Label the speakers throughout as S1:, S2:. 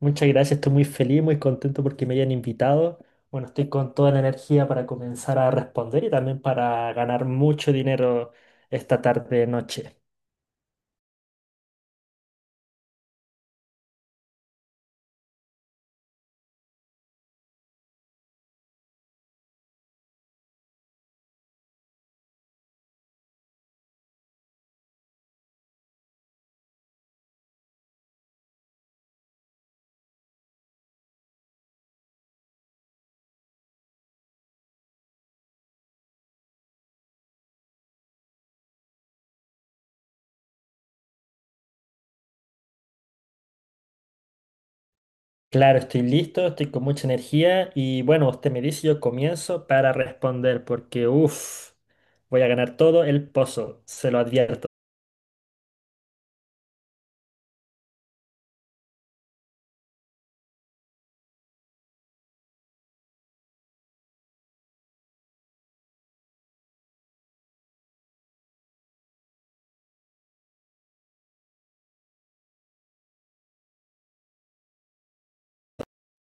S1: Muchas gracias, estoy muy feliz, muy contento porque me hayan invitado. Bueno, estoy con toda la energía para comenzar a responder y también para ganar mucho dinero esta tarde noche. Claro, estoy listo, estoy con mucha energía y bueno, usted me dice, yo comienzo para responder porque uff, voy a ganar todo el pozo, se lo advierto.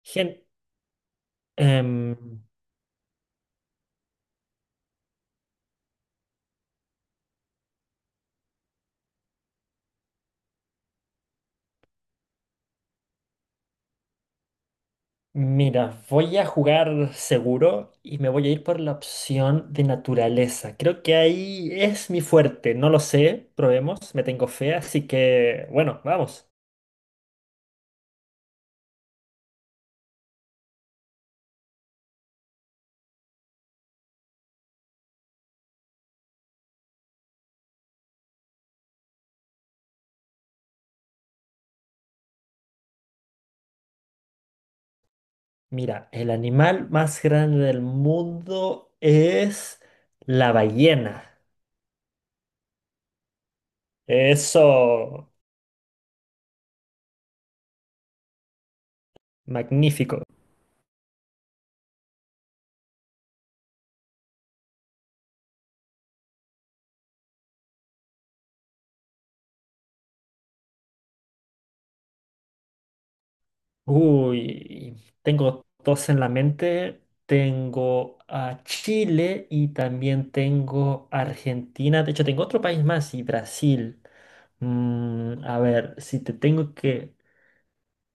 S1: Gen- em, Mira, voy a jugar seguro y me voy a ir por la opción de naturaleza. Creo que ahí es mi fuerte, no lo sé, probemos, me tengo fe, así que bueno, vamos. Mira, el animal más grande del mundo es la ballena. Eso, magnífico. Uy, tengo dos en la mente. Tengo a Chile y también tengo Argentina. De hecho, tengo otro país más y Brasil. A ver, si te tengo que...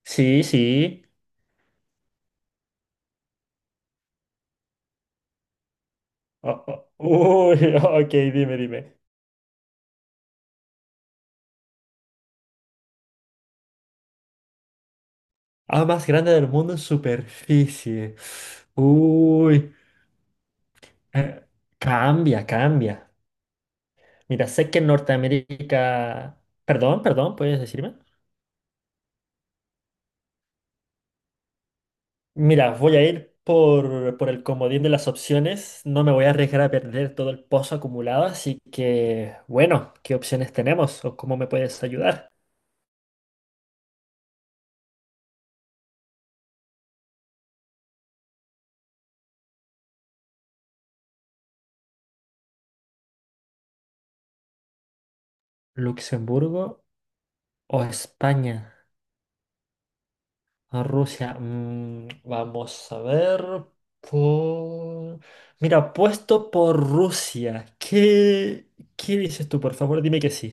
S1: Sí, sí. Uy, ok, dime, dime. Ah, más grande del mundo en superficie. Uy, eh, cambia, cambia. Mira, sé que Norteamérica... Perdón, perdón, ¿puedes decirme? Mira, voy a ir por el comodín de las opciones. No me voy a arriesgar a perder todo el pozo acumulado, así que, bueno, ¿qué opciones tenemos o cómo me puedes ayudar? ¿Luxemburgo o España o Rusia? Mm, vamos a ver. Por... Mira, apuesto por Rusia. ¿Qué dices tú? Por favor, dime que sí.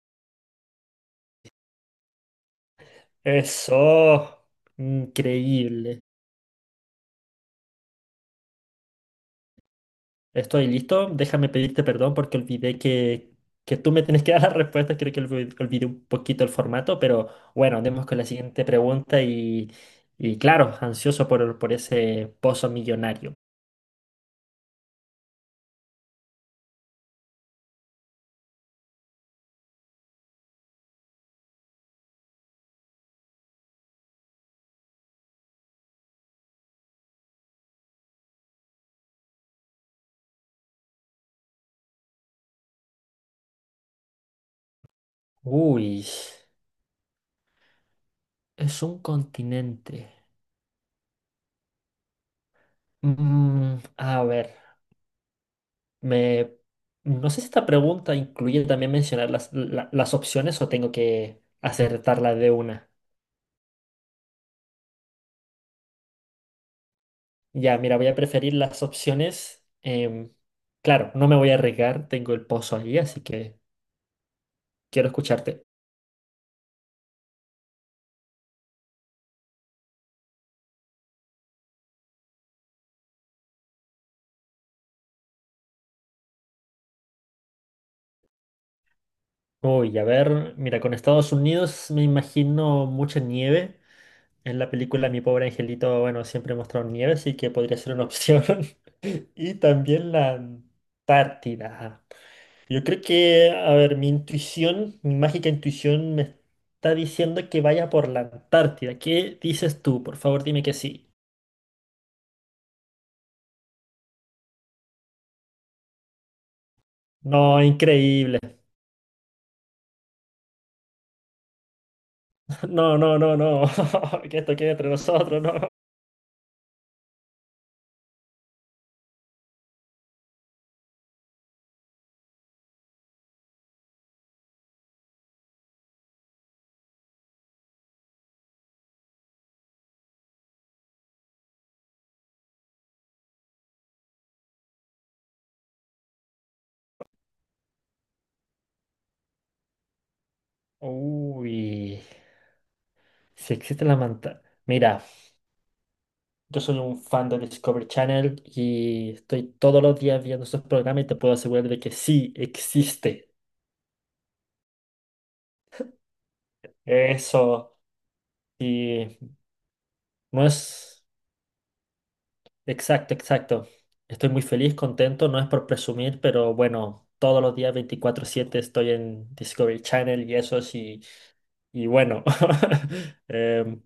S1: Eso. Increíble. Estoy listo, déjame pedirte perdón porque olvidé que tú me tienes que dar las respuestas, creo que olvi- olvidé un poquito el formato, pero bueno, andemos con la siguiente pregunta y claro, ansioso por ese pozo millonario. Uy, es un continente. A ver, me, no sé si esta pregunta incluye también mencionar las opciones o tengo que acertarla de una. Ya, mira, voy a preferir las opciones. Claro, no me voy a arriesgar, tengo el pozo allí, así que quiero escucharte. Uy, a ver, mira, con Estados Unidos me imagino mucha nieve. En la película Mi pobre angelito, bueno, siempre he mostrado nieve, así que podría ser una opción. Y también la Antártida. Yo creo que, a ver, mi intuición, mi mágica intuición me está diciendo que vaya por la Antártida. ¿Qué dices tú? Por favor, dime que sí. No, increíble. No, no, no, no. Que esto quede entre nosotros, no. Uy, si existe la manta. Mira, yo soy un fan de Discovery Channel y estoy todos los días viendo esos programas y te puedo asegurar de que sí existe. Eso, y no es. Exacto, exacto. Estoy muy feliz, contento, no es por presumir, pero bueno, todos los días 24/7 estoy en Discovery Channel y eso sí, y bueno, em,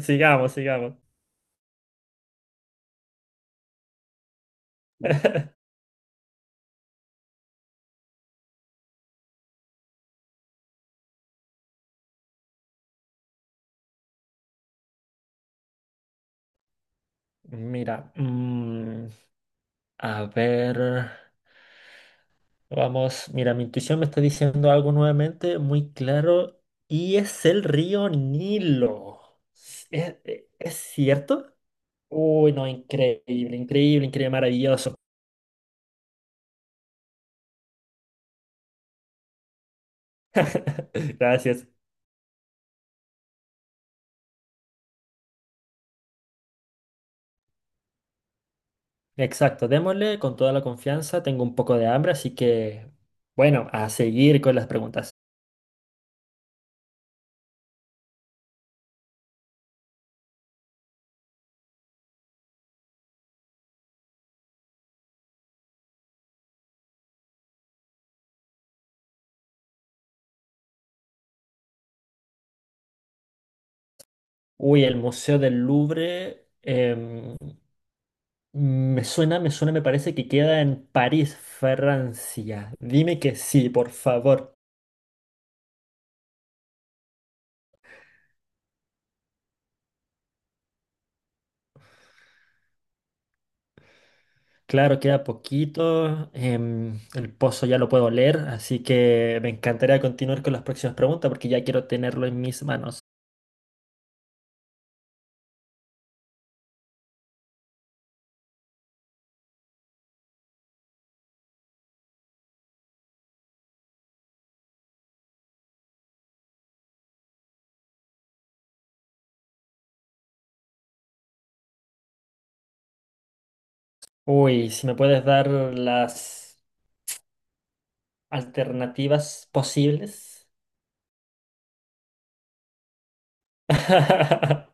S1: sigamos, sigamos. Mira, a ver, vamos, mira, mi intuición me está diciendo algo nuevamente muy claro y es el río Nilo. Es cierto? Uy, no, increíble, increíble, increíble, maravilloso. Gracias. Exacto, démosle con toda la confianza. Tengo un poco de hambre, así que, bueno, a seguir con las preguntas. Uy, el Museo del Louvre, me suena, me suena, me parece que queda en París, Francia. Dime que sí, por favor. Claro, queda poquito. El pozo ya lo puedo leer, así que me encantaría continuar con las próximas preguntas porque ya quiero tenerlo en mis manos. Uy, si me puedes dar las alternativas posibles.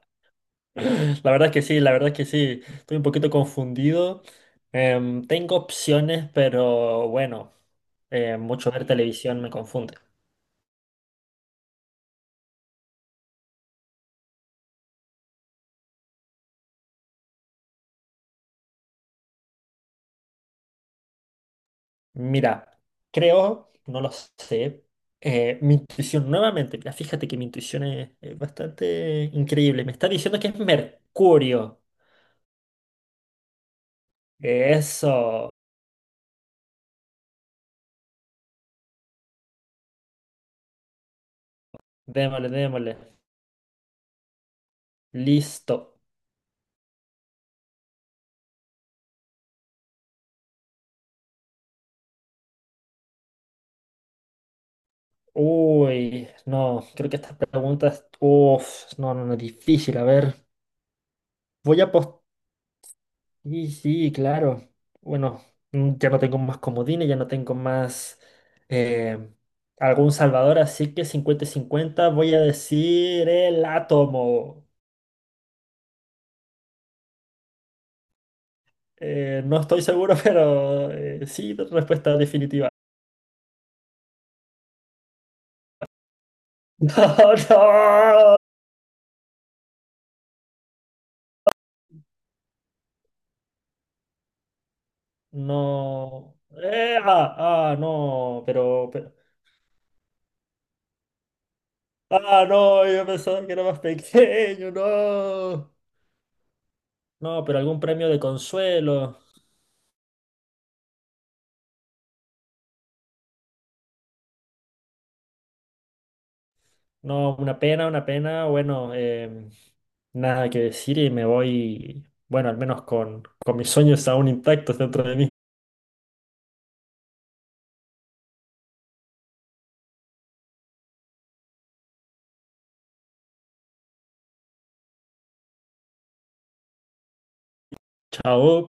S1: La verdad es que sí, la verdad es que sí. Estoy un poquito confundido. Tengo opciones, pero bueno, mucho ver televisión me confunde. Mira, creo, no lo sé, mi intuición nuevamente, mira, fíjate que mi intuición es bastante increíble. Me está diciendo que es Mercurio. Eso, démosle, démosle. Listo. Uy, no, creo que estas preguntas, uff, no, no, no, difícil, a ver. Voy a post... Y sí, claro. Bueno, ya no tengo más comodines, ya no tengo más eh, algún salvador, así que cincuenta y 50 voy a decir el átomo. No estoy seguro, pero sí, respuesta definitiva. No, no. No. Ah, ah, no, pero, pero. Ah, no, yo pensaba que era más pequeño, no. No, pero algún premio de consuelo. No, una pena, una pena. Bueno, nada que decir y me voy, bueno, al menos con mis sueños aún intactos dentro de mí. Chao.